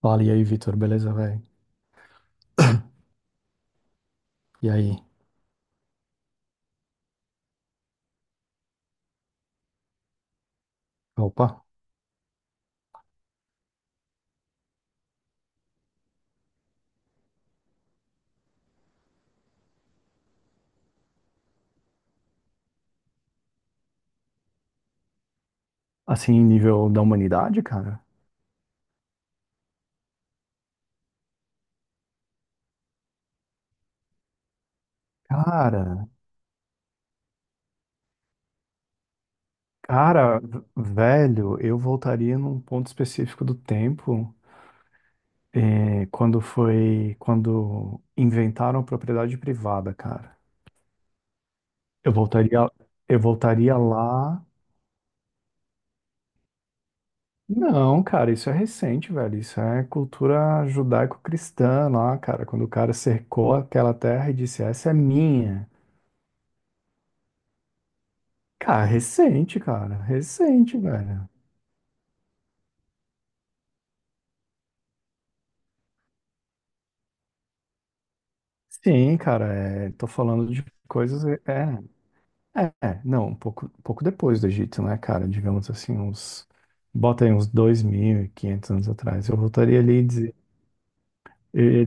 Fala, e aí, Vitor, beleza, velho? E aí? Opa, assim, nível da humanidade, cara? Cara, cara, velho, eu voltaria num ponto específico do tempo, quando foi, quando inventaram a propriedade privada, cara. Eu voltaria, eu voltaria lá. Não, cara, isso é recente, velho. Isso é cultura judaico-cristã lá, cara. Quando o cara cercou aquela terra e disse, essa é minha. Cara. Recente, velho. Sim, cara, é, tô falando de coisas. Não, um pouco depois do Egito, né, cara? Digamos assim, uns. Bota aí uns 2500 anos atrás. Eu voltaria ali e dizer. e-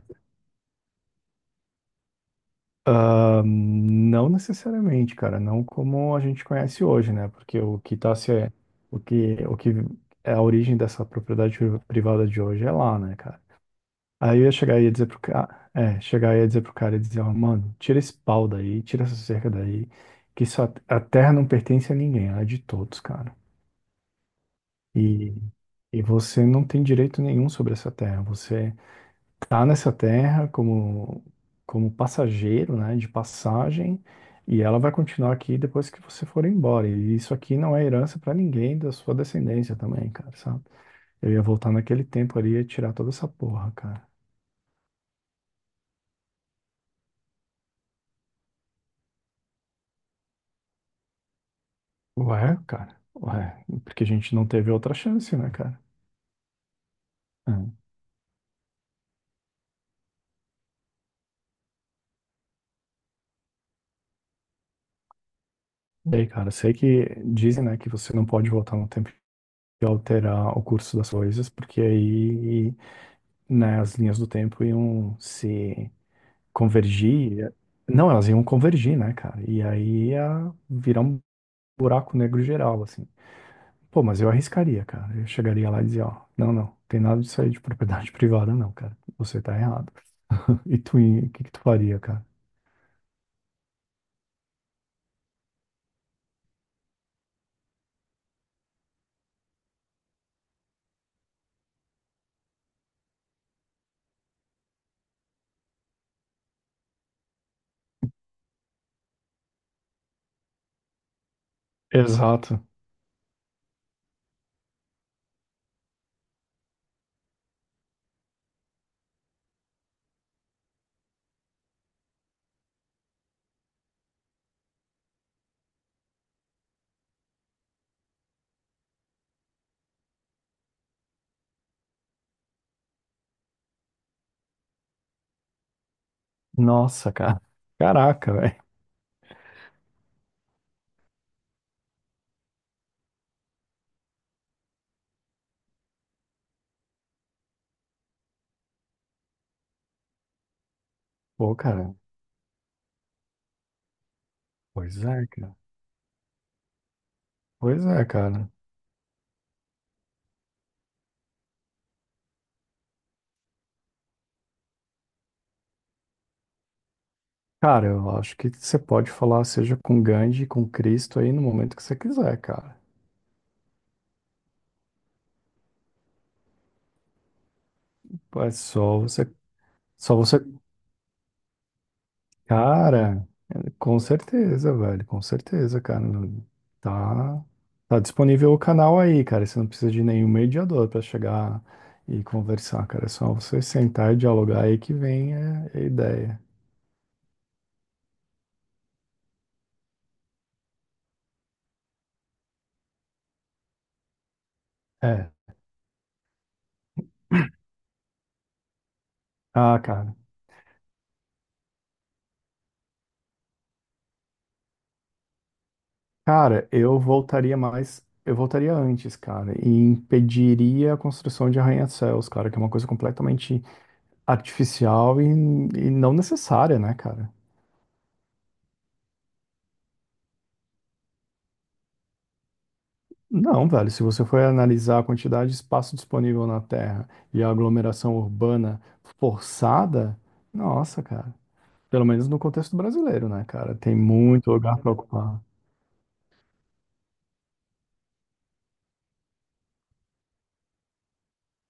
ah, não necessariamente, cara, não como a gente conhece hoje, né? Porque o que tá se. O que é a origem dessa propriedade privada de hoje é lá, né, cara? Aí eu ia chegar e ia dizer pro cara, é, chegar e ia dizer pro cara e dizer, ó, mano, tira esse pau daí, tira essa cerca daí, que isso, a terra não pertence a ninguém, ela é de todos, cara. E, e você não tem direito nenhum sobre essa terra. Você tá nessa terra como, como passageiro, né, de passagem, e ela vai continuar aqui depois que você for embora. E isso aqui não é herança pra ninguém da sua descendência também, cara, sabe? Eu ia voltar naquele tempo ali e ia tirar toda essa porra, cara. Ué, cara, ué, porque a gente não teve outra chance, né, cara? É. E aí, cara, sei que dizem, né, que você não pode voltar no tempo e alterar o curso das coisas, porque aí, né, as linhas do tempo iam se convergir. Não, elas iam convergir, né, cara? E aí ia virar um buraco negro geral, assim. Pô, mas eu arriscaria, cara. Eu chegaria lá e dizia, ó, não, não, tem nada disso aí de propriedade privada, não, cara. Você tá errado. E tu, o que que tu faria, cara? Exato. Nossa, cara. Caraca, velho. Pô, cara. Pois é, cara. Pois é, cara. Cara, eu acho que você pode falar, seja com Gandhi, com Cristo aí no momento que você quiser, cara. Pô, é só você. Só você. Cara, com certeza, velho. Com certeza, cara. Não. Tá. Tá disponível o canal aí, cara. Você não precisa de nenhum mediador pra chegar e conversar, cara. É só você sentar e dialogar aí que vem a ideia. É. Ah, cara. Eu voltaria antes, cara, e impediria a construção de arranha-céus, cara, que é uma coisa completamente artificial e não necessária, né, cara? Não, velho, se você for analisar a quantidade de espaço disponível na Terra e a aglomeração urbana forçada, nossa, cara, pelo menos no contexto brasileiro, né, cara, tem muito lugar para ocupar.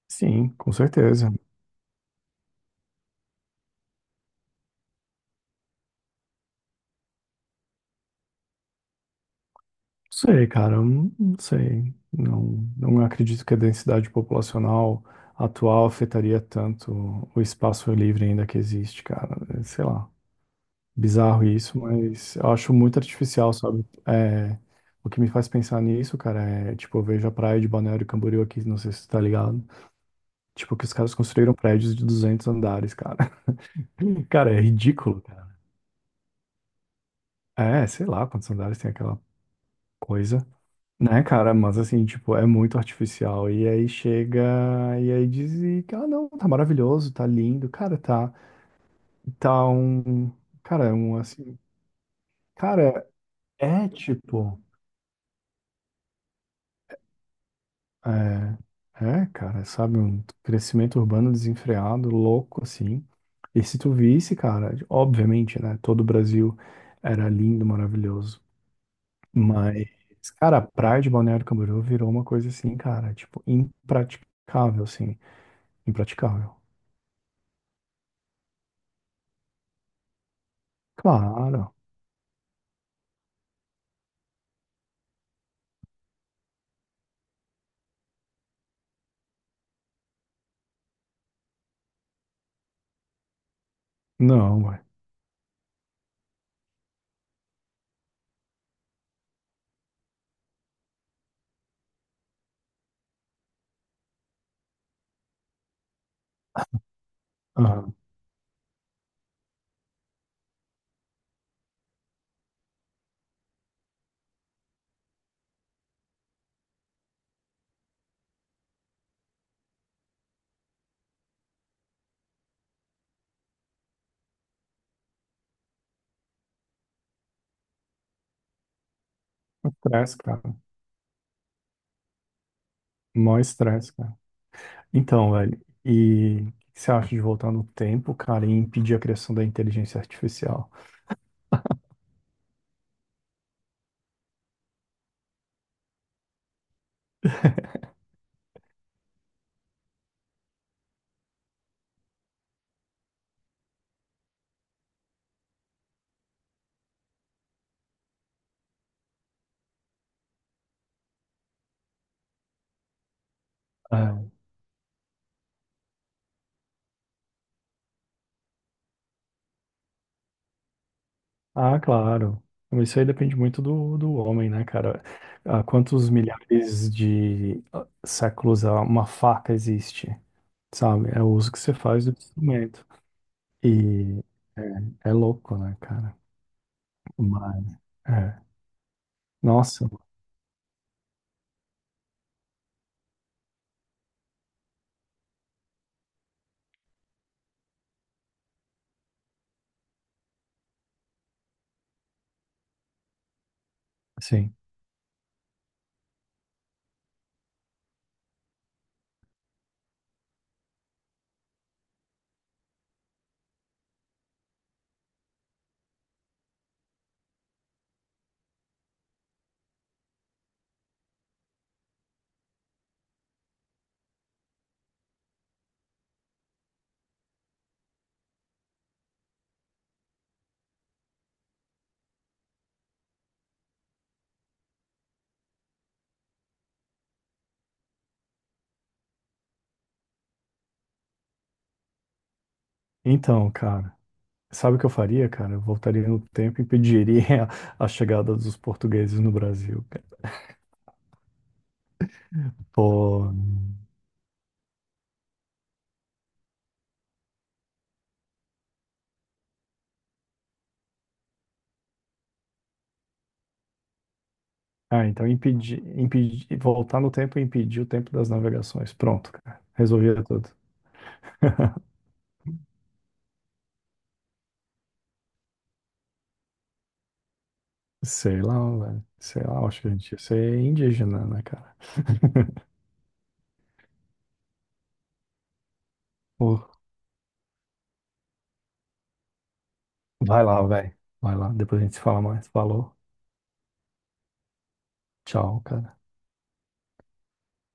Sim, com certeza. Sei, cara, eu não sei. Não, não acredito que a densidade populacional atual afetaria tanto o espaço livre ainda que existe, cara. É, sei lá, bizarro isso, mas eu acho muito artificial, sabe? É, o que me faz pensar nisso, cara, é tipo, eu vejo a praia de Balneário Camboriú aqui, não sei se você tá ligado. Tipo, que os caras construíram prédios de 200 andares, cara. Cara, é ridículo, cara. É, sei lá quantos andares tem aquela coisa. Né, cara, mas assim, tipo, é muito artificial. E aí chega e aí diz e, ah, não, tá maravilhoso, tá lindo, cara, tá, tá um, cara, é um assim, cara, é tipo, é, cara, sabe, um crescimento urbano desenfreado, louco, assim. E se tu visse, cara, obviamente, né, todo o Brasil era lindo, maravilhoso, mas, cara, a praia de Balneário Camboriú virou uma coisa assim, cara, tipo, impraticável, assim, impraticável. Claro. Não, ué. Aham. Estresse, cara. Mó estresse, cara. Então, velho, e o que você acha de voltar no tempo, cara, e impedir a criação da inteligência artificial? É. Ah, claro. Mas isso aí depende muito do homem, né, cara? Há quantos milhares de séculos uma faca existe, sabe? É o uso que você faz do instrumento. E é, é louco, né, cara? Mas, é. Nossa, sim. Então, cara. Sabe o que eu faria, cara? Eu voltaria no tempo e impediria a chegada dos portugueses no Brasil, cara. Pô, ah, então impedir, voltar no tempo e impedir o tempo das navegações. Pronto, cara. Resolvia tudo. Sei lá, velho. Sei lá, acho que a gente ia ser indígena, né, cara? Pô, vai lá, velho. Vai lá. Depois a gente se fala mais. Falou. Tchau, cara.